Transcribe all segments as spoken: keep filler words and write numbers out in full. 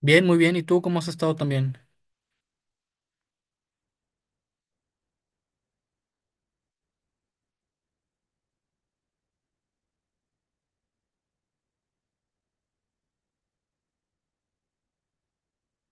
Bien, muy bien. ¿Y tú cómo has estado también?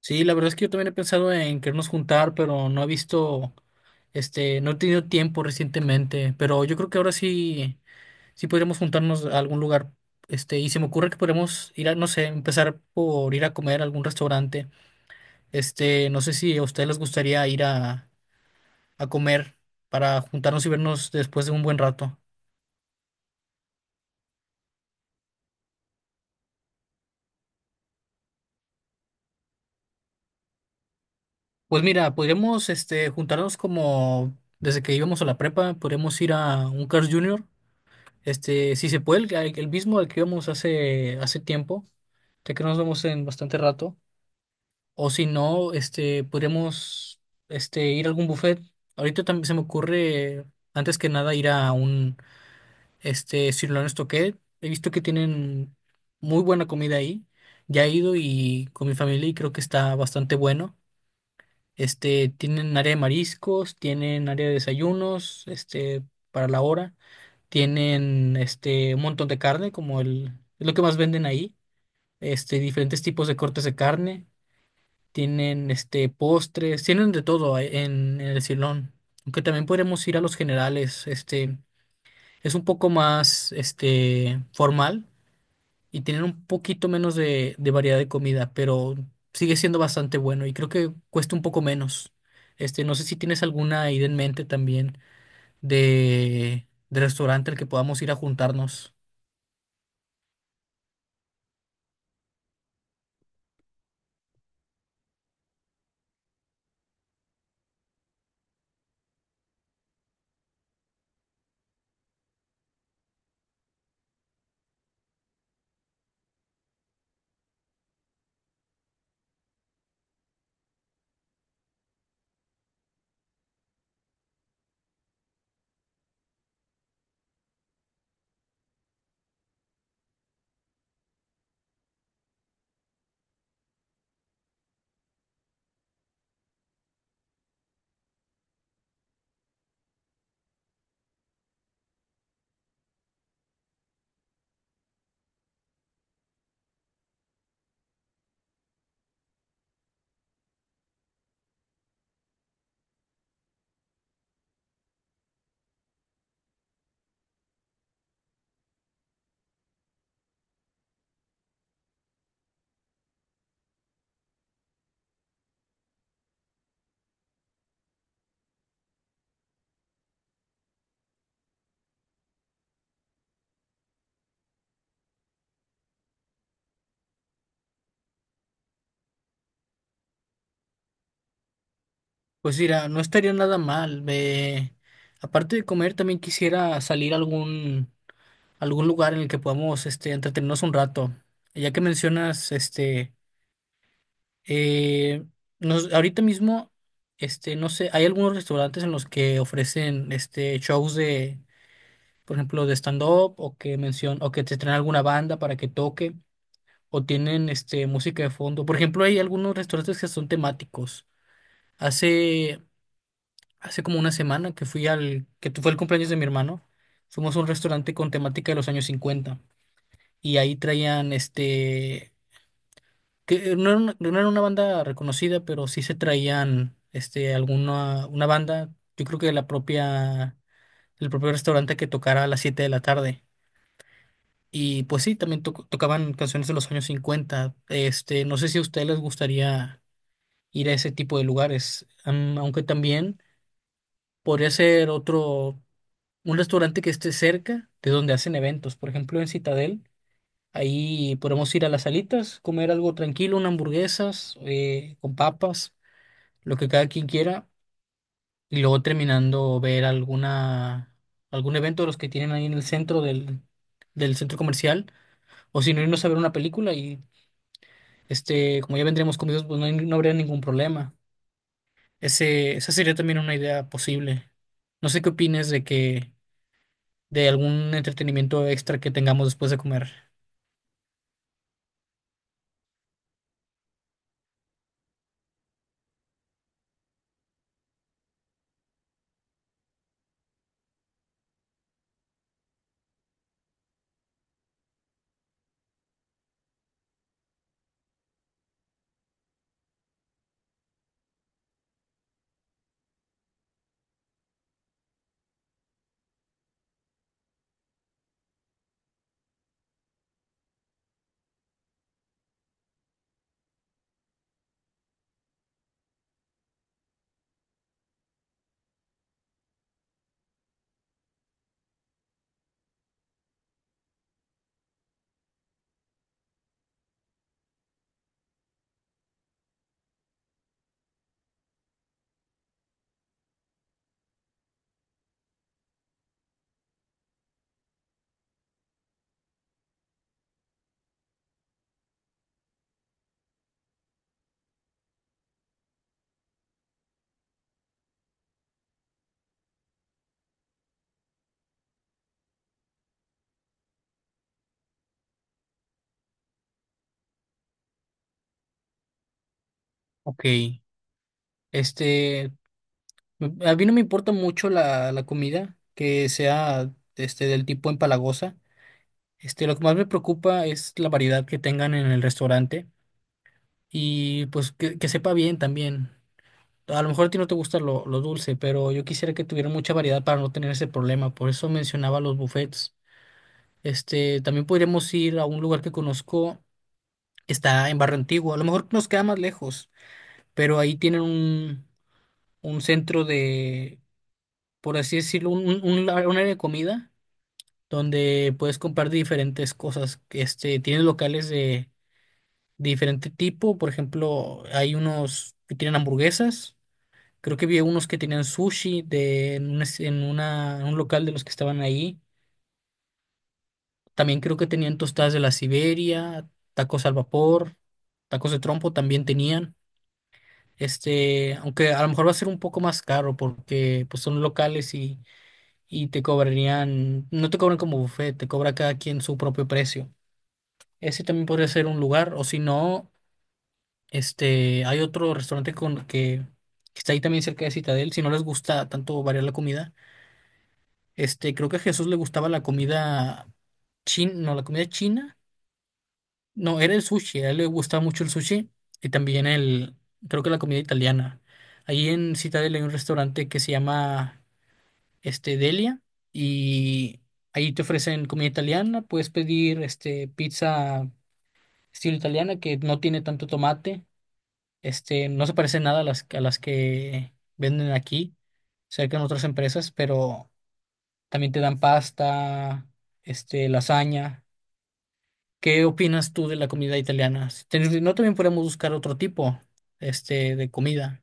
Sí, la verdad es que yo también he pensado en querernos juntar, pero no he visto, este, no he tenido tiempo recientemente. Pero yo creo que ahora sí, sí podríamos juntarnos a algún lugar. Este, y se me ocurre que podríamos ir a, no sé, empezar por ir a comer a algún restaurante. Este, no sé si a ustedes les gustaría ir a, a comer para juntarnos y vernos después de un buen rato. Pues mira, podríamos, este, juntarnos como desde que íbamos a la prepa, podríamos ir a un Carl's junior Este, si se puede, el, el mismo al que íbamos hace, hace tiempo, ya que no nos vemos en bastante rato. O si no, este, podríamos este, ir a algún buffet. Ahorita también se me ocurre, antes que nada, ir a un este, Sirloin Stockade. He visto que tienen muy buena comida ahí. Ya he ido y con mi familia y creo que está bastante bueno. Este, tienen área de mariscos, tienen área de desayunos, este, para la hora. Tienen este un montón de carne, como el, es lo que más venden ahí. Este, diferentes tipos de cortes de carne. Tienen este postres, tienen de todo ahí en, en el Silón. Aunque también podemos ir a los generales. Este, es un poco más este formal y tienen un poquito menos de, de variedad de comida, pero sigue siendo bastante bueno y creo que cuesta un poco menos. Este, no sé si tienes alguna idea en mente también de, de restaurante al que podamos ir a juntarnos. Pues mira, no estaría nada mal. eh, aparte de comer, también quisiera salir a algún, algún lugar en el que podamos este, entretenernos un rato. Ya que mencionas, este, eh, nos- ahorita mismo, este, no sé, hay algunos restaurantes en los que ofrecen este, shows de, por ejemplo, de stand-up o que mencion, o que te traen alguna banda para que toque o tienen este, música de fondo. Por ejemplo, hay algunos restaurantes que son temáticos. Hace Hace como una semana que fui al, que tu- fue el cumpleaños de mi hermano, fuimos a un restaurante con temática de los años cincuenta y ahí traían este, que no era una, no era una banda reconocida, pero sí se traían este, alguna, una banda, yo creo que de la propia, el propio restaurante que tocara a las siete de la tarde. Y pues sí, también toc- tocaban canciones de los años cincuenta. Este, no sé si a ustedes les gustaría ir a ese tipo de lugares, am- aunque también podría ser otro. Un restaurante que esté cerca de donde hacen eventos. Por ejemplo, en Citadel, ahí podemos ir a las salitas, comer algo tranquilo, unas hamburguesas eh, con papas, lo que cada quien quiera, y luego terminando ver alguna algún evento de los que tienen ahí en el centro del, del centro comercial, o si no irnos a ver una película y este, como ya vendríamos comidos, pues no, hay- no habría ningún problema. Ese, esa sería también una idea posible. No sé qué opines de que de algún entretenimiento extra que tengamos después de comer. Ok, este, m- a mí no me importa mucho la, la comida que sea este, del tipo empalagosa. Este, lo que más me preocupa es la variedad que tengan en el restaurante y pues que, que sepa bien también. A lo mejor a ti no te gusta lo, lo dulce, pero yo quisiera que tuvieran mucha variedad para no tener ese problema. Por eso mencionaba los buffets. Este, también podríamos ir a un lugar que conozco, está en Barrio Antiguo. A lo mejor nos queda más lejos, pero ahí tienen un, un centro de, por así decirlo, un, un, un la- un área de comida donde puedes comprar diferentes cosas. Este, tienes locales de diferente tipo, por ejemplo, hay unos que tienen hamburguesas, creo que vi unos que tenían sushi de, en, un, es- en una, en un local de los que estaban ahí. También creo que tenían tostadas de la Siberia, tacos al vapor, tacos de trompo también tenían. Este, aunque a lo mejor va a ser un poco más caro porque pues son locales y y te cobrarían, no te cobran como buffet, te cobra cada quien su propio precio. Ese también podría ser un lugar, o si no, este, hay otro restaurante con, que, que está ahí también cerca de Citadel, si no les gusta tanto variar la comida. Este, creo que a Jesús le gustaba la comida china, no, la comida china, no, era el sushi, a él le gustaba mucho el sushi y también el, creo que la comida italiana. Ahí en Citadel hay un restaurante que se llama este, Delia, y ahí te ofrecen comida italiana, puedes pedir este, pizza estilo italiana que no tiene tanto tomate, este, no se parece nada a las, a las que venden aquí, cerca en otras empresas, pero también te dan pasta, este, lasaña. ¿Qué opinas tú de la comida italiana? Si ten- Si no, también podemos buscar otro tipo, este, de comida.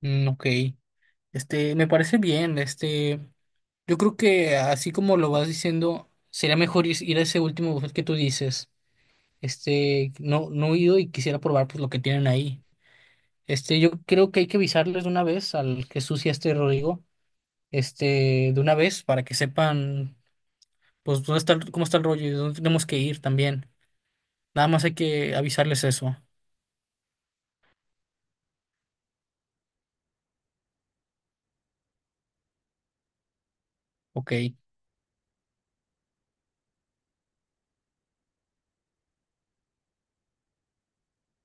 Mm, ok. Este, me parece bien, este. Yo creo que así como lo vas diciendo, sería mejor is- ir a ese último buffet que tú dices. Este, no, no he ido y quisiera probar pues lo que tienen ahí. Este, yo creo que hay que avisarles de una vez al Jesús y a este Rodrigo, este, de una vez para que sepan pues dónde está, el- cómo está el rollo y dónde tenemos que ir también. Nada más hay que avisarles eso. Ok.